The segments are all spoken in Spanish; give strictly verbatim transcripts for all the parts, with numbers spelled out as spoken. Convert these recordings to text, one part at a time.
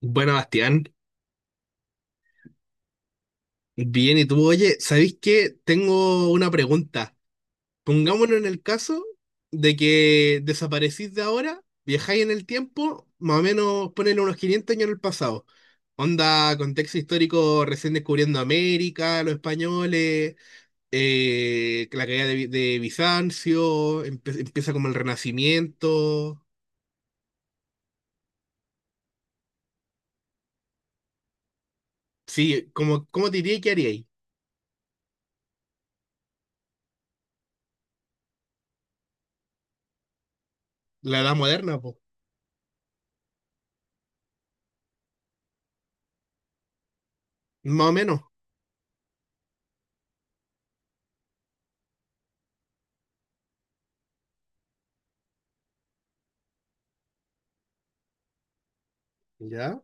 Bueno, Bastián, bien, ¿y tú? Oye, ¿sabéis qué? Tengo una pregunta. Pongámonos en el caso de que desaparecís de ahora, viajáis en el tiempo, más o menos ponen unos quinientos años en el pasado. Onda, contexto histórico, recién descubriendo América, los españoles, eh, la caída de, Vi- de Bizancio, empe- empieza como el Renacimiento. Sí, como, ¿cómo te diría que haríais? La Edad Moderna, pues, más o menos. ¿Ya?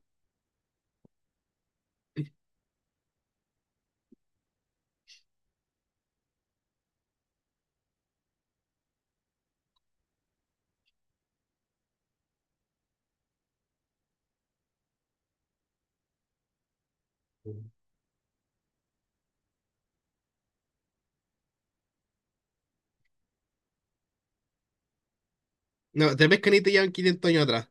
No, te pescan y te llevan quinientos años atrás.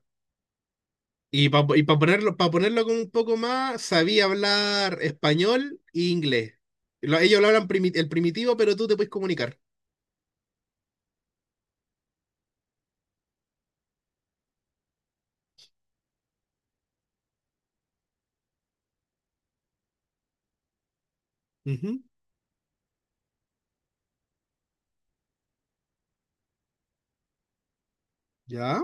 Y para y pa ponerlo, para ponerlo como un poco más, sabía hablar español e inglés. Lo- ellos lo hablan primi- el primitivo, pero tú te puedes comunicar. Ujú. Ya.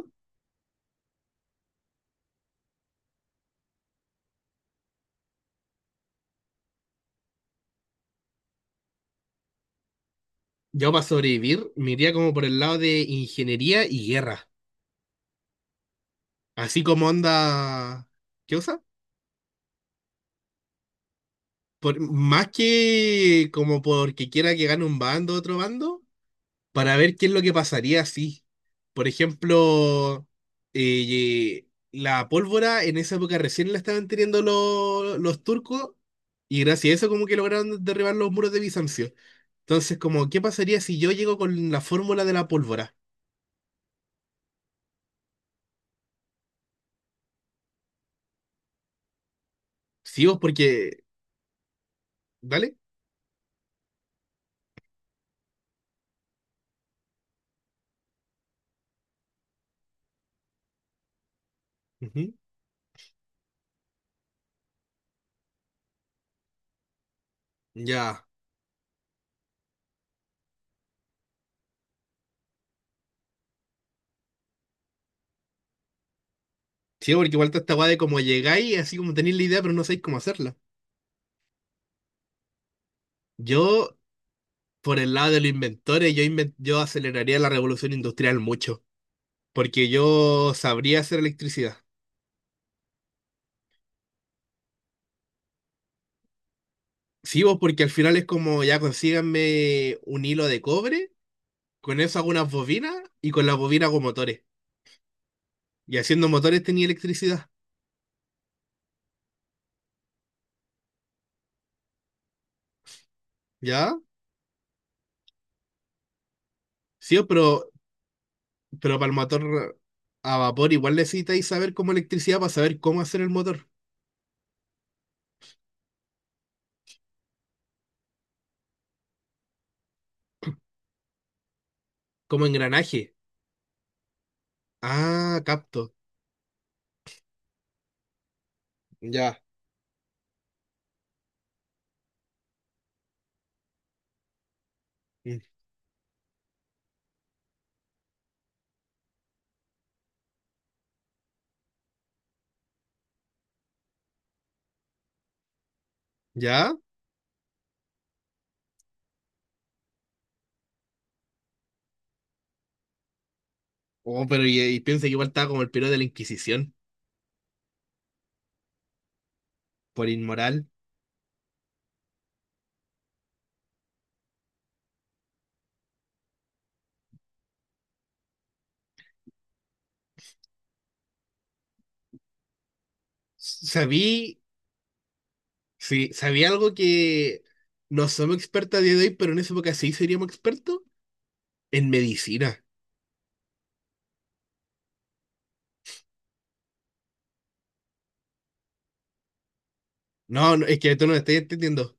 Yo para sobrevivir me iría como por el lado de ingeniería y guerra. Así como onda. ¿Qué cosa? Por- más que como porque quiera que gane un bando otro bando, para ver qué es lo que pasaría si, por ejemplo, eh, la pólvora en esa época recién la estaban teniendo lo- los turcos y gracias a eso como que lograron derribar los muros de Bizancio. Entonces, como, ¿qué pasaría si yo llego con la fórmula de la pólvora? Sí, vos, porque. ¿Dale? Ujú. Ya. Sí, porque igual está esta weá de como llegáis, así como tenéis la idea, pero no sabéis cómo hacerla. Yo, por el lado de los inventores, yo, inven- yo aceleraría la revolución industrial mucho. Porque yo sabría hacer electricidad. Sí, vos, porque al final es como ya consíganme un hilo de cobre, con eso hago unas bobinas y con las bobinas hago motores. Y haciendo motores tenía electricidad, ¿ya? Sí, vos, pero, pero para el motor a vapor igual necesitáis saber cómo electricidad para saber cómo hacer el motor, como engranaje. Ah, capto. Ya. Mm. ¿Ya? Oh, pero y, y piensa que igual estaba como el periodo de la Inquisición, por inmoral. Sabí Sí, sabía algo que no somos expertos a día de hoy, pero en esa época sí seríamos expertos en medicina. No, no, es que tú no me estás entendiendo.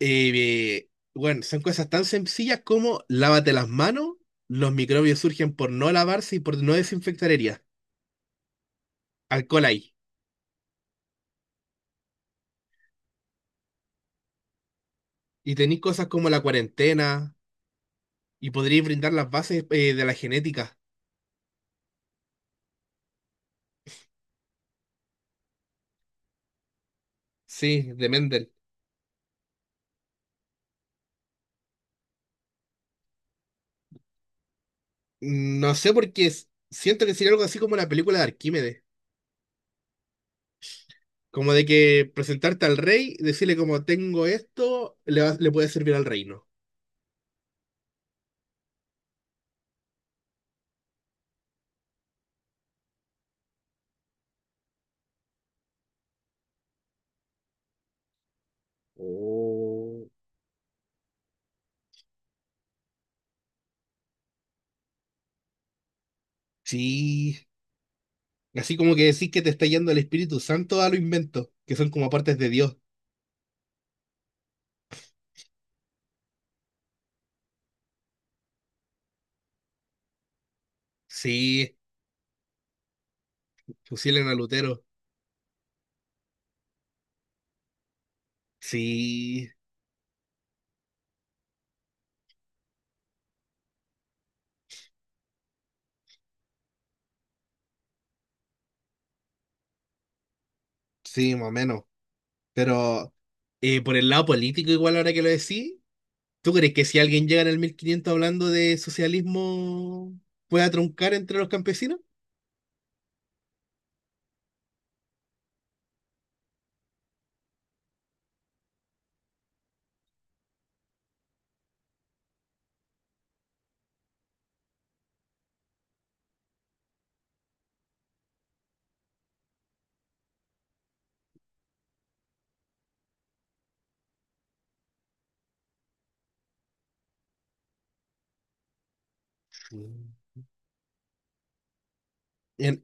Eh, eh, bueno, son cosas tan sencillas como lávate las manos, los microbios surgen por no lavarse y por no desinfectar heridas. Alcohol ahí. Y tenéis cosas como la cuarentena y podríais brindar las bases eh, de la genética. Sí, de Mendel. No sé por qué es- siento que sería algo así como la película de Arquímedes. Como de que presentarte al rey, decirle como tengo esto, le, va- le puede servir al reino. O- Sí. Así como que decís que te está yendo el Espíritu Santo a lo invento, que son como partes de Dios. Sí, fusilen a Lutero. Sí, sí, más o menos. Pero eh, por el lado político, igual ahora que lo decís, ¿tú crees que si alguien llega en el mil quinientos hablando de socialismo, pueda truncar entre los campesinos? Sí. En-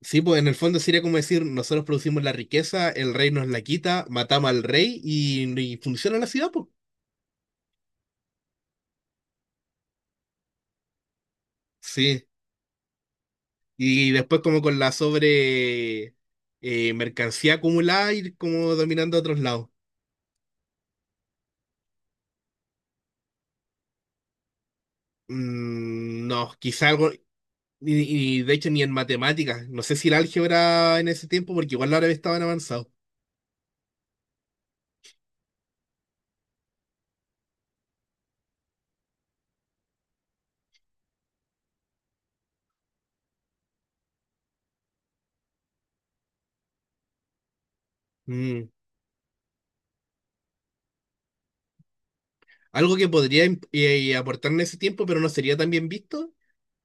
Sí, pues en el fondo sería como decir, nosotros producimos la riqueza, el rey nos la quita, matamos al rey y, y funciona la ciudad, pues. Sí. Y después como con la sobre eh, mercancía acumulada ir como dominando a otros lados. Mm, no, quizá algo, y, y de hecho ni en matemáticas, no sé si el álgebra en ese tiempo, porque igual los árabes estaban avanzados. Mm, Algo que podría imp- eh, aportar en ese tiempo, pero no sería tan bien visto,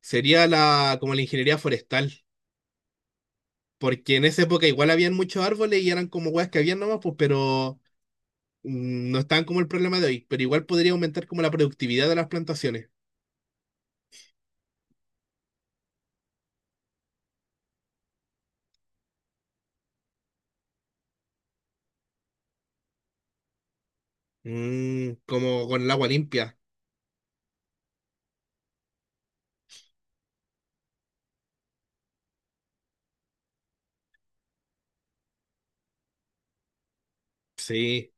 sería la, como la ingeniería forestal. Porque en esa época igual habían muchos árboles y eran como weas que habían nomás, pues, pero mm, no estaban como el problema de hoy. Pero igual podría aumentar como la productividad de las plantaciones. Mm, como con el agua limpia. Sí,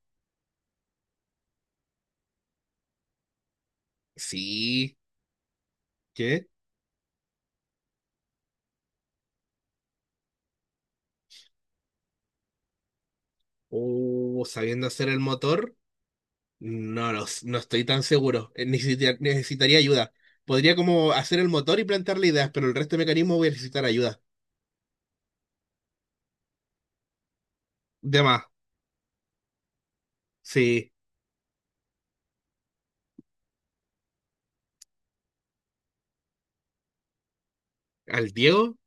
sí. ¿Qué? Uh, sabiendo hacer el motor, no, lo s- no estoy tan seguro. Eh, necesita- necesitaría ayuda. Podría como hacer el motor y plantearle ideas, pero el resto de mecanismos voy a necesitar ayuda. De más. Sí. ¿Al Diego?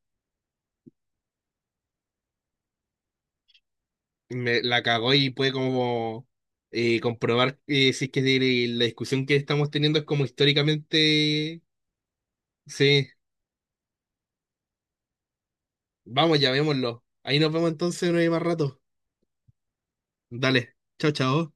Me la cagó y puede como eh, comprobar eh, si es que de- la discusión que estamos teniendo es como históricamente. Sí, vamos, llamémoslo. Ahí nos vemos entonces, no hay más rato. Dale, chao, chao.